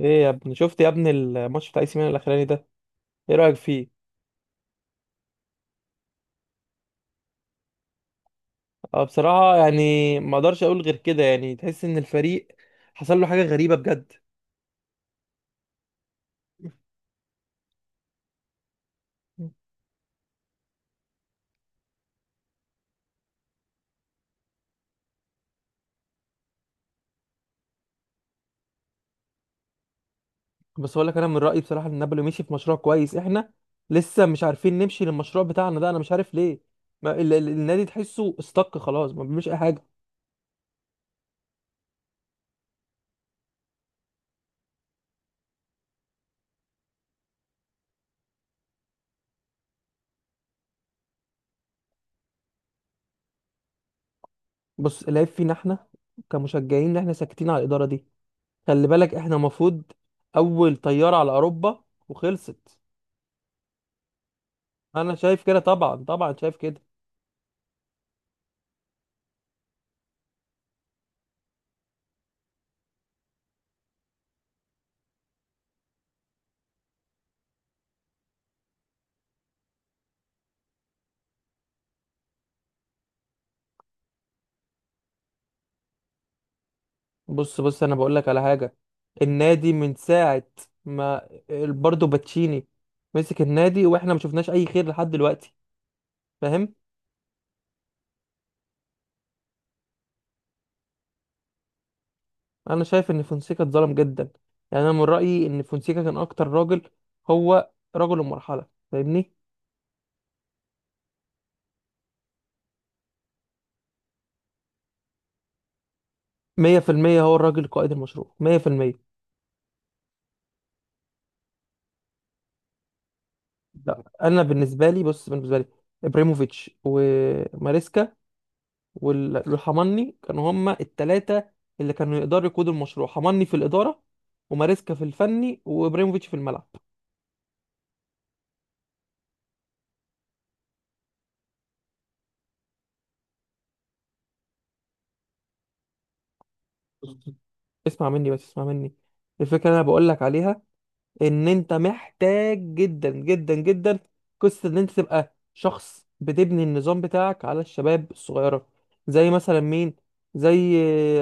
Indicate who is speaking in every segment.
Speaker 1: ايه يا ابني، شفت يا ابني الماتش بتاع اي سي ميلان الاخراني ده؟ ايه رايك فيه؟ اه، بصراحه يعني ما اقدرش اقول غير كده. يعني تحس ان الفريق حصل له حاجه غريبه بجد. بس اقول لك انا من رايي بصراحه ان نابولي مشي في مشروع كويس. احنا لسه مش عارفين نمشي للمشروع بتاعنا ده. انا مش عارف ليه ما ال النادي تحسه استك، خلاص ما بيعملش اي حاجه. بص، العيب فينا احنا كمشجعين، ان احنا ساكتين على الاداره دي. خلي بالك احنا المفروض اول طياره على اوروبا، وخلصت. انا شايف كده، طبعا طبعا، شايف كده. بص بص، انا بقول لك على حاجه. النادي من ساعه ما برضه باتشيني مسك النادي واحنا ما شفناش اي خير لحد دلوقتي، فاهم؟ انا شايف ان فونسيكا اتظلم جدا. يعني انا من رايي ان فونسيكا كان اكتر راجل، هو رجل المرحله، فاهمني؟ 100% هو الراجل قائد المشروع 100%. لا انا بالنسبه لي، بص بالنسبه لي ابراهيموفيتش وماريسكا والحمني كانوا هما التلاتة اللي كانوا يقدروا يقودوا المشروع. حمني في الإدارة، وماريسكا في الفني، وإبراهيموفيتش في الملعب. اسمع مني، بس اسمع مني. الفكرة اللي أنا بقولك عليها، إن أنت محتاج جدا جدا جدا، قصة إن أنت تبقى شخص بتبني النظام بتاعك على الشباب الصغيرة. زي مثلا مين؟ زي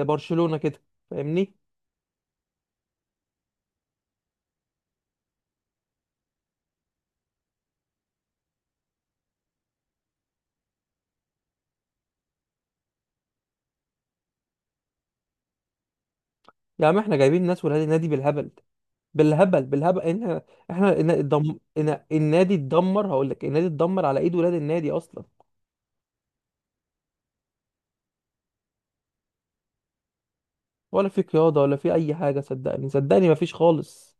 Speaker 1: برشلونة كده، فاهمني؟ يعني إحنا جايبين ناس ولاد النادي بالهبل بالهبل بالهبل. احنا النادي اتدمر. هقول لك النادي اتدمر على ايد ولاد النادي اصلا. ولا في قياده ولا في اي حاجه، صدقني، صدقني، مفيش خالص.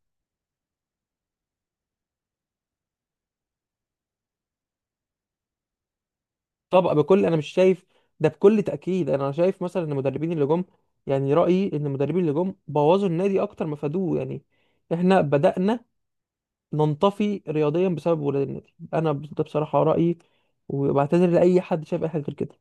Speaker 1: طبعا، انا مش شايف ده بكل تاكيد. انا شايف مثلا ان المدربين اللي جم، يعني رايي ان المدربين اللي جم بوظوا النادي اكتر ما فادوه. يعني احنا بدانا ننطفي رياضيا بسبب ولاد النادي. ده بصراحه رايي، وبعتذر لاي حد شايف اي حاجه غير كده.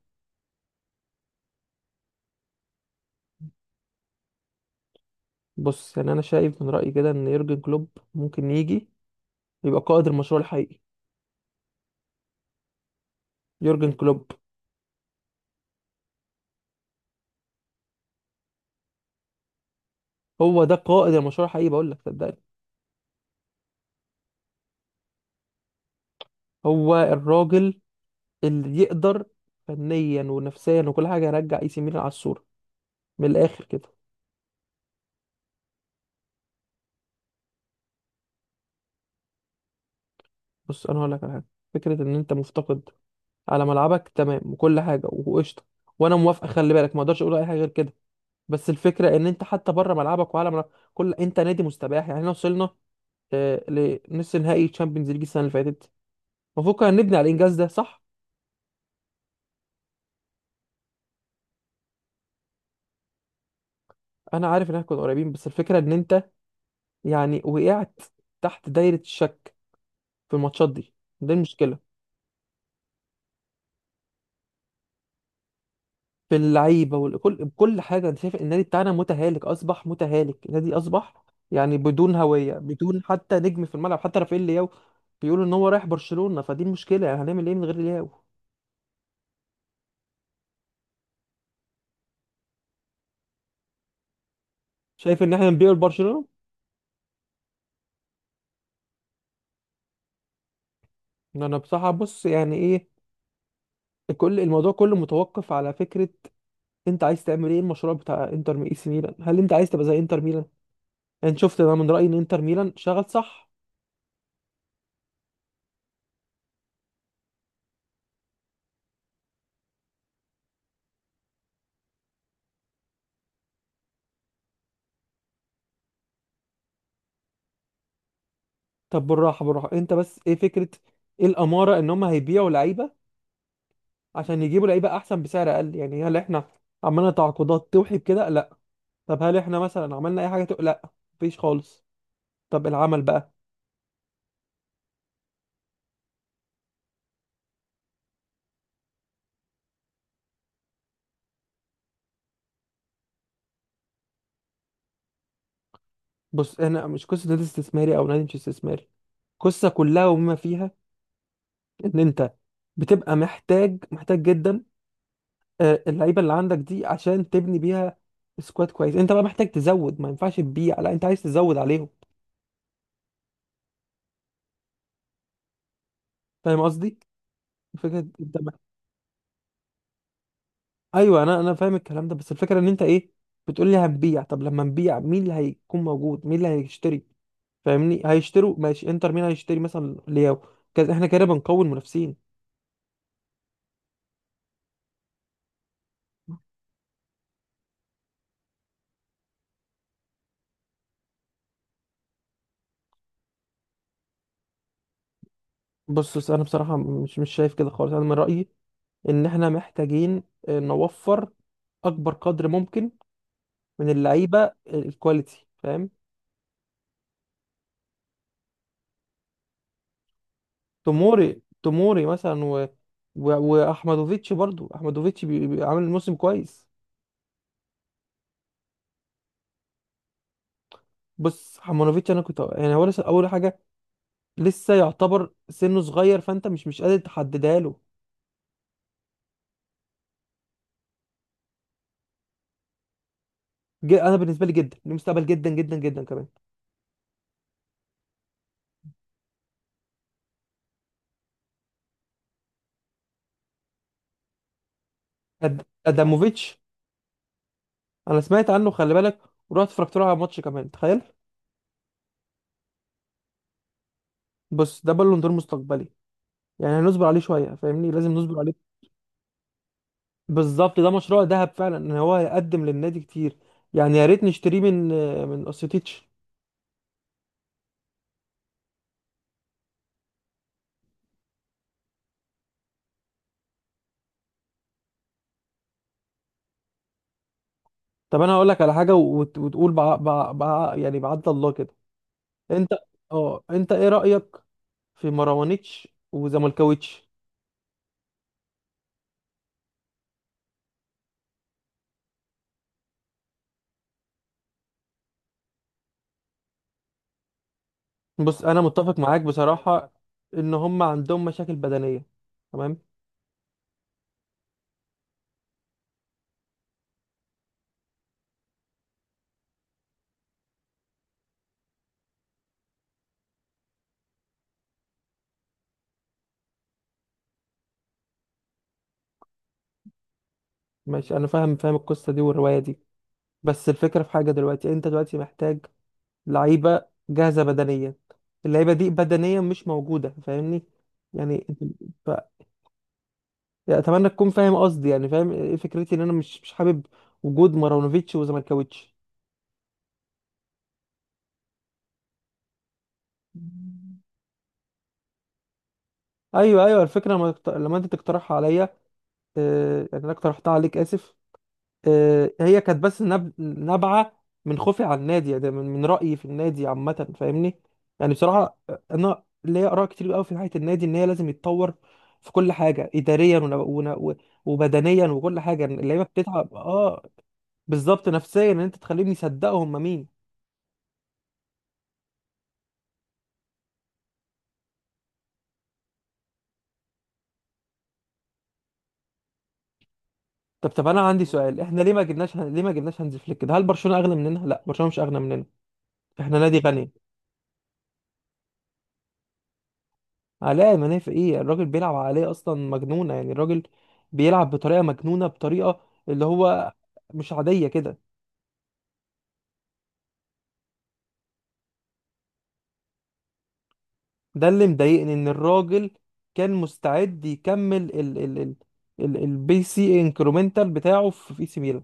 Speaker 1: بص يعني انا شايف من رايي كده ان يورجن كلوب ممكن يجي يبقى قائد المشروع الحقيقي. يورجن كلوب هو ده قائد المشروع الحقيقي، بقول لك صدقني. هو الراجل اللي يقدر فنيا ونفسيا وكل حاجه يرجع اي سي ميلان على الصوره، من الاخر كده. بص انا هقول لك على حاجه. فكره ان انت مفتقد على ملعبك، تمام، وكل حاجه وقشطه، وانا موافقه، خلي بالك، ما اقدرش اقول اي حاجه غير كده. بس الفكره ان انت حتى بره ملعبك وعلى ملعب كل، انت نادي مستباح. يعني احنا وصلنا آه، لنص نهائي تشامبيونز ليج السنه اللي فاتت. المفروض كنا نبني على الانجاز ده، صح؟ انا عارف ان احنا كنا قريبين، بس الفكره ان انت يعني وقعت تحت دايرة الشك في الماتشات دي. دي المشكلة. في اللعيبة وكل بكل حاجة. أنا شايف النادي بتاعنا متهالك، أصبح متهالك. النادي أصبح يعني بدون هوية، بدون حتى نجم في الملعب. حتى رافائيل لياو بيقولوا إن هو رايح برشلونة، فدي المشكلة. يعني هنعمل إيه من غير لياو؟ شايف إن إحنا نبيع لبرشلونة؟ إن أنا بصراحة، بص يعني إيه، كل الموضوع كله متوقف على فكرة أنت عايز تعمل إيه. المشروع بتاع إنتر مي- إي سي ميلان، هل أنت عايز تبقى زي إنتر ميلان؟ يعني شفت، أنا من رأيي إن إنتر ميلان شغل صح. طب بالراحه بالراحه، انت بس ايه فكره؟ ايه الاماره ان هم هيبيعوا لعيبه عشان يجيبوا لعيبه احسن بسعر اقل؟ يعني هل احنا عملنا تعاقدات توحي بكده؟ لا. طب هل احنا مثلا عملنا اي حاجه تو... لا، مفيش خالص. طب العمل بقى. بص احنا مش قصه نادي استثماري او نادي مش استثماري، قصه كلها وما فيها ان انت بتبقى محتاج، محتاج جدا اللعيبه اللي عندك دي عشان تبني بيها سكواد كويس. انت بقى محتاج تزود، ما ينفعش تبيع، لا انت عايز تزود عليهم. فاهم قصدي؟ فكره انت. ايوه، انا فاهم الكلام ده، بس الفكره ان انت ايه؟ بتقول لي هنبيع، طب لما نبيع مين اللي هيكون موجود، مين اللي هيشتري؟ فاهمني؟ هيشتروا ماشي انتر، مين هيشتري مثلا لياو؟ كده احنا كده بنقوي المنافسين. بص بص، انا بصراحه مش شايف كده خالص. انا من رايي ان احنا محتاجين نوفر اكبر قدر ممكن من اللعيبه الكواليتي، فاهم؟ توموري مثلا واحمدوفيتش، برضو احمدوفيتش عامل موسم كويس. بص حمانوفيتش، انا كنت يعني هو لسه اول حاجه، لسه يعتبر سنه صغير، فانت مش قادر تحددها له. انا بالنسبه لي جدا ليه مستقبل، جدا جدا جدا كمان. اداموفيتش، انا سمعت عنه خلي بالك، ورحت اتفرجت له على ماتش كمان، تخيل. بص ده بالون دور مستقبلي، يعني هنصبر عليه شويه، فاهمني؟ لازم نصبر عليه. بالظبط، ده مشروع ذهب فعلا، ان هو هيقدم للنادي كتير. يعني يا ريت نشتريه من اوسيتيتش. طب انا هقول لك على حاجه، وتقول يعني بعد الله كده. انت، اه انت ايه رايك في مروانيتش وزملكاويتش؟ بص انا متفق معاك بصراحه، ان هم عندهم مشاكل بدنيه، تمام. ماشي، انا فاهم، فاهم القصه دي والروايه دي. بس الفكره في حاجه دلوقتي، انت دلوقتي محتاج لعيبه جاهزه بدنيا، اللعيبه دي بدنيا مش موجوده، فاهمني؟ يعني انت ف... يعني اتمنى تكون فاهم قصدي، يعني فاهم ايه فكرتي، ان انا مش حابب وجود مارونوفيتش وزملكاويتش. ايوه ايوه، الفكره لما لما انت تقترحها عليا، يعني انا اقترحتها عليك، اسف. هي كانت بس نابعة من خوفي على النادي، يعني من رأيي في النادي عامة، فاهمني؟ يعني بصراحة، أنا ليا آراء كتير قوي في ناحية النادي إن هي لازم يتطور في كل حاجة، إداريا وبدنيا وكل حاجة. اللعيبة بتتعب، آه. بالظبط، نفسيا، إن أنت تخليهم يصدقوا هم مين. طب أنا عندي سؤال، إحنا ليه ما جبناش، ليه ما جبناش هانز فليك ده؟ هل برشلونة أغنى مننا؟ لا، برشلونة مش أغنى مننا، إحنا نادي غني. علاء المنافع ايه، الراجل بيلعب على عقلية اصلا مجنونة. يعني الراجل بيلعب بطريقة مجنونة، بطريقة اللي هو مش عادية كده. ده اللي مضايقني ان الراجل كان مستعد يكمل ال البي سي انكرومنتال بتاعه في سي ميلان.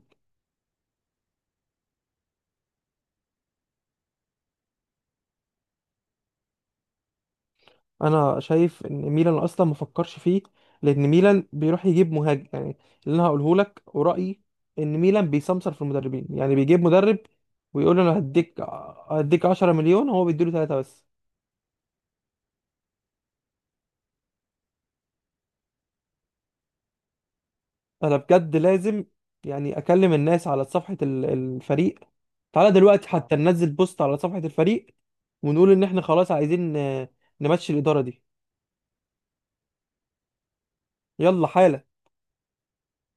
Speaker 1: انا شايف ان ميلان اصلا ما فكرش فيه، لان ميلان بيروح يجيب مهاجم. يعني اللي انا هقوله لك ورأيي، ان ميلان بيسمسر في المدربين، يعني بيجيب مدرب ويقول له انا هديك، 10 مليون، هو بيديله ثلاثة بس. انا بجد لازم يعني اكلم الناس على صفحة الفريق. تعالى دلوقتي حتى ننزل بوست على صفحة الفريق، ونقول ان احنا خلاص عايزين نمشي الإدارة دي. يلا حالا.